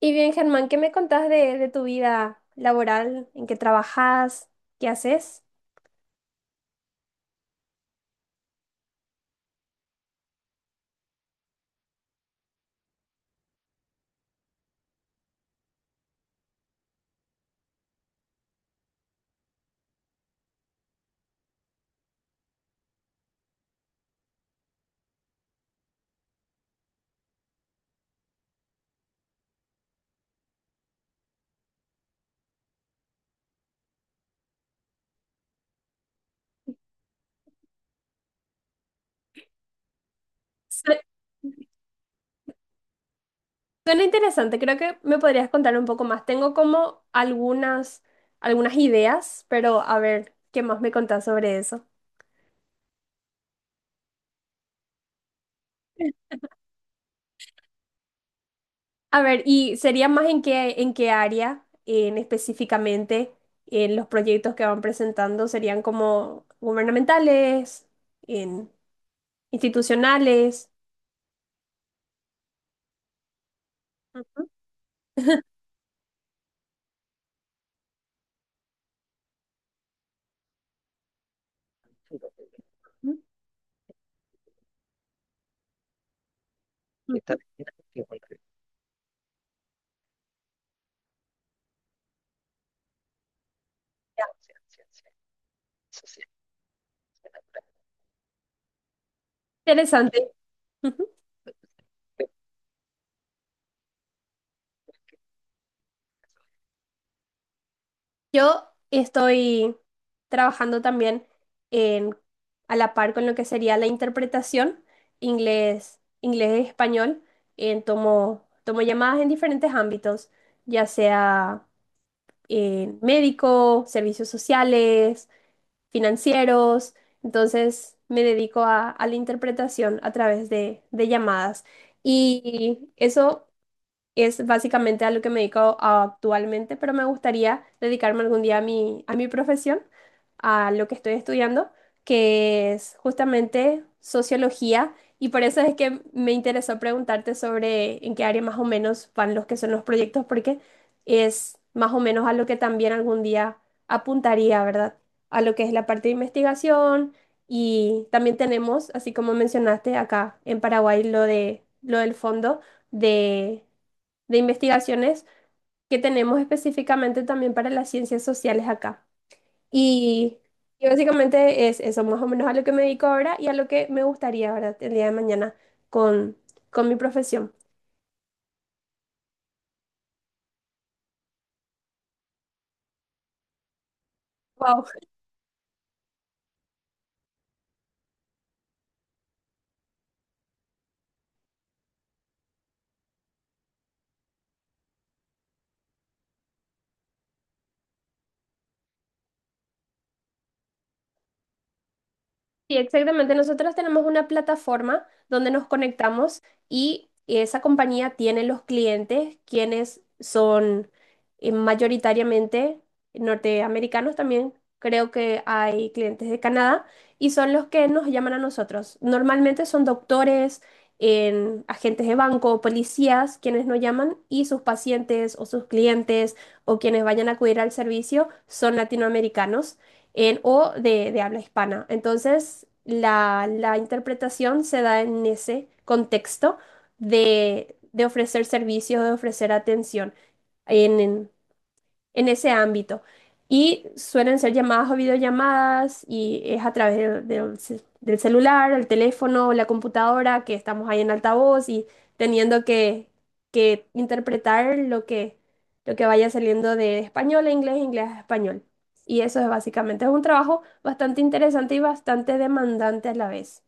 Y bien, Germán, ¿qué me contás de tu vida laboral? ¿En qué trabajas? ¿Qué haces? Su- Suena interesante, creo que me podrías contar un poco más. Tengo como algunas ideas, pero a ver, ¿qué más me contás sobre eso? A ver, ¿y sería más en qué área, en específicamente, en los proyectos que van presentando? ¿Serían como gubernamentales, en institucionales? Ujú, ujú. Bien. Interesante. Yo estoy trabajando también en, a la par con lo que sería la interpretación inglés, inglés español. En, tomo llamadas en diferentes ámbitos, ya sea en médico, servicios sociales, financieros. Entonces me dedico a la interpretación a través de llamadas. Y eso es básicamente a lo que me dedico actualmente, pero me gustaría dedicarme algún día a a mi profesión, a lo que estoy estudiando, que es justamente sociología, y por eso es que me interesó preguntarte sobre en qué área más o menos van los que son los proyectos, porque es más o menos a lo que también algún día apuntaría, ¿verdad? A lo que es la parte de investigación y también tenemos, así como mencionaste acá en Paraguay, lo lo del fondo de de investigaciones que tenemos específicamente también para las ciencias sociales acá. Y, y básicamente es eso, más o menos a lo que me dedico ahora y a lo que me gustaría, ¿verdad?, el día de mañana con, con mi profesión. Wow. Sí, exactamente. Nosotros tenemos una plataforma donde nos conectamos y esa compañía tiene los clientes quienes son mayoritariamente norteamericanos también. Creo que hay clientes de Canadá y son los que nos llaman a nosotros. Normalmente son doctores, en agentes de banco, policías quienes nos llaman y sus pacientes o sus clientes o quienes vayan a acudir al servicio son latinoamericanos en, o de habla hispana. Entonces, la interpretación se da en ese contexto de ofrecer servicios, de ofrecer atención. En, en- en ese ámbito. Y suelen ser llamadas o videollamadas y es a través del, del celular, el teléfono o la computadora que estamos ahí en altavoz y teniendo que interpretar lo que vaya saliendo de español a inglés, inglés a español. Y eso es básicamente, es un trabajo bastante interesante y bastante demandante a la vez.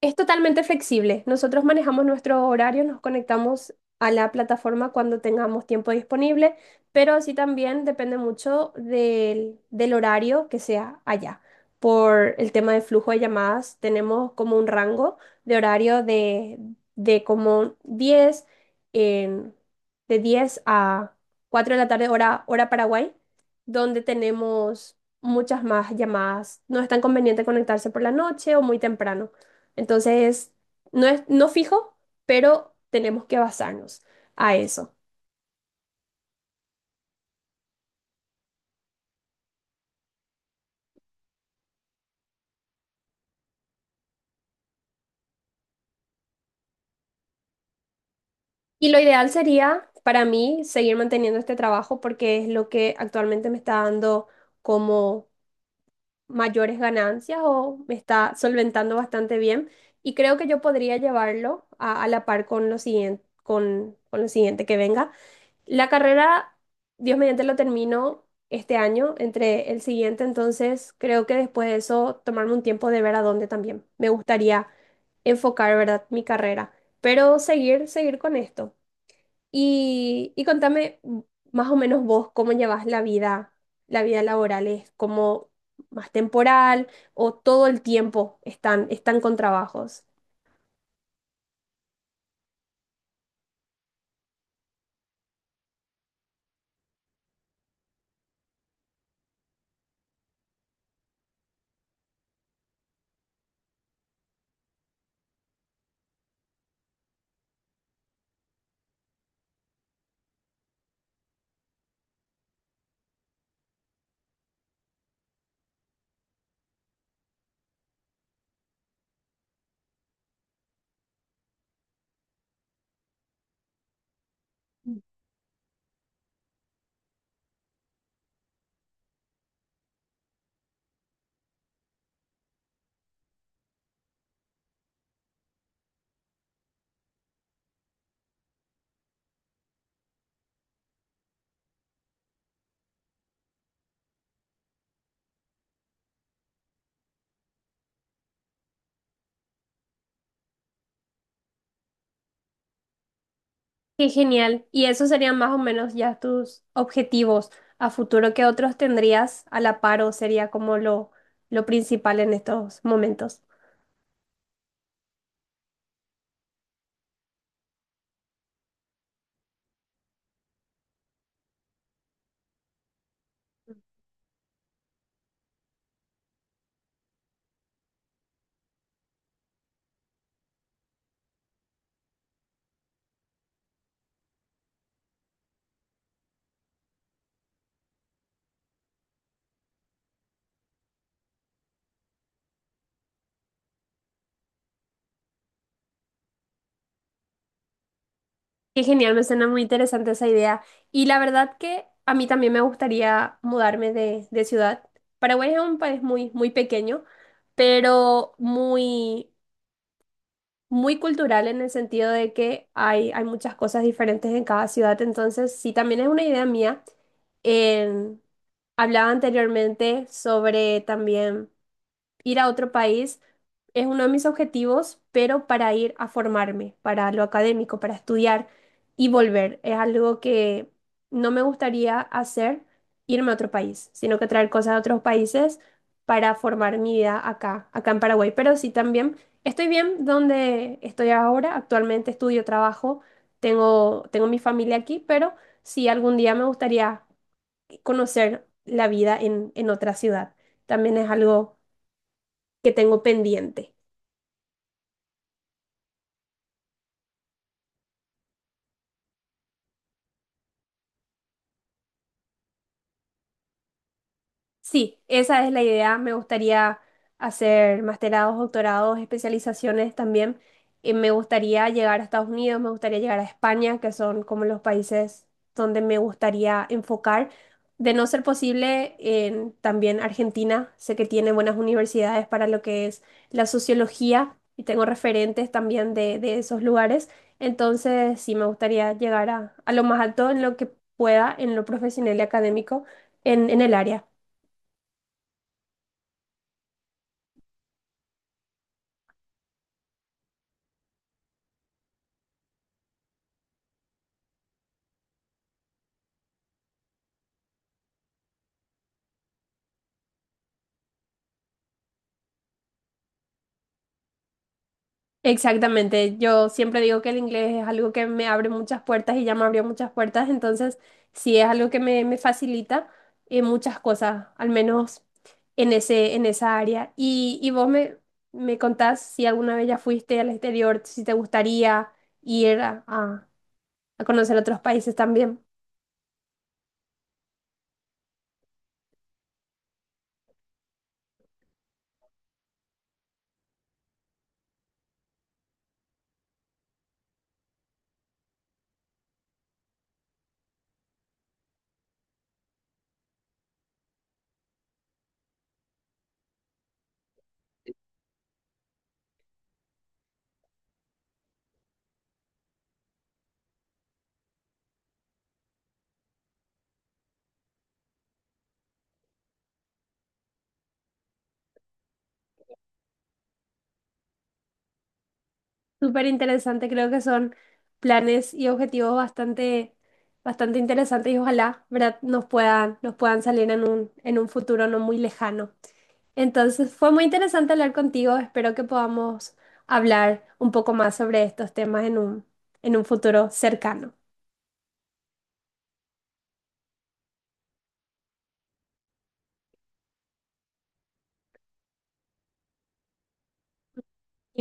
Es totalmente flexible. Nosotros manejamos nuestros horarios, nos conectamos a la plataforma cuando tengamos tiempo disponible, pero sí también depende mucho del, del horario que sea allá. Por el tema de flujo de llamadas, tenemos como un rango de horario de como en- de 10 a 4 de la tarde, hora Paraguay, donde tenemos muchas más llamadas. No es tan conveniente conectarse por la noche o muy temprano. Entonces, no es no fijo, pero tenemos que basarnos a eso. Y lo ideal sería para mí seguir manteniendo este trabajo porque es lo que actualmente me está dando como mayores ganancias o me está solventando bastante bien. Y creo que yo podría llevarlo a la par con lo siguiente que venga. La carrera, Dios mediante, la termino este año, entre el siguiente, entonces creo que después de eso tomarme un tiempo de ver a dónde también. Me gustaría enfocar, ¿verdad?, mi carrera, pero seguir, seguir con esto. Y contame más o menos vos cómo llevas la vida laboral, ¿es como más temporal o todo el tiempo están, están con trabajos? Qué genial. Y esos serían más o menos ya tus objetivos a futuro. ¿Qué otros tendrías a la par o sería como lo principal en estos momentos? Qué genial, me suena muy interesante esa idea. Y la verdad que a mí también me gustaría mudarme de ciudad. Paraguay es un país muy, muy pequeño, pero muy muy cultural en el sentido de que hay muchas cosas diferentes en cada ciudad, entonces sí, también es una idea mía. En- Hablaba anteriormente sobre también ir a otro país es uno de mis objetivos, pero para ir a formarme, para lo académico, para estudiar y volver. Es algo que no me gustaría hacer, irme a otro país, sino que traer cosas de otros países para formar mi vida acá, acá en Paraguay. Pero sí también estoy bien donde estoy ahora. Actualmente estudio, trabajo, tengo mi familia aquí, pero sí algún día me gustaría conocer la vida en otra ciudad. También es algo que tengo pendiente. Sí, esa es la idea. Me gustaría hacer masterados, doctorados, especializaciones también. Y me gustaría llegar a Estados Unidos, me gustaría llegar a España, que son como los países donde me gustaría enfocar. De no ser posible, en también Argentina. Sé que tiene buenas universidades para lo que es la sociología y tengo referentes también de esos lugares. Entonces, sí, me gustaría llegar a lo más alto en lo que pueda, en lo profesional y académico, en el área. Exactamente, yo siempre digo que el inglés es algo que me abre muchas puertas y ya me abrió muchas puertas, entonces sí es algo que me facilita muchas cosas, al menos en ese, en esa área. Y vos me contás si alguna vez ya fuiste al exterior, si te gustaría ir a conocer otros países también. Súper interesante, creo que son planes y objetivos bastante, bastante interesantes y ojalá, ¿verdad?, nos puedan salir en un futuro no muy lejano. Entonces, fue muy interesante hablar contigo. Espero que podamos hablar un poco más sobre estos temas en un futuro cercano.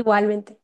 Igualmente.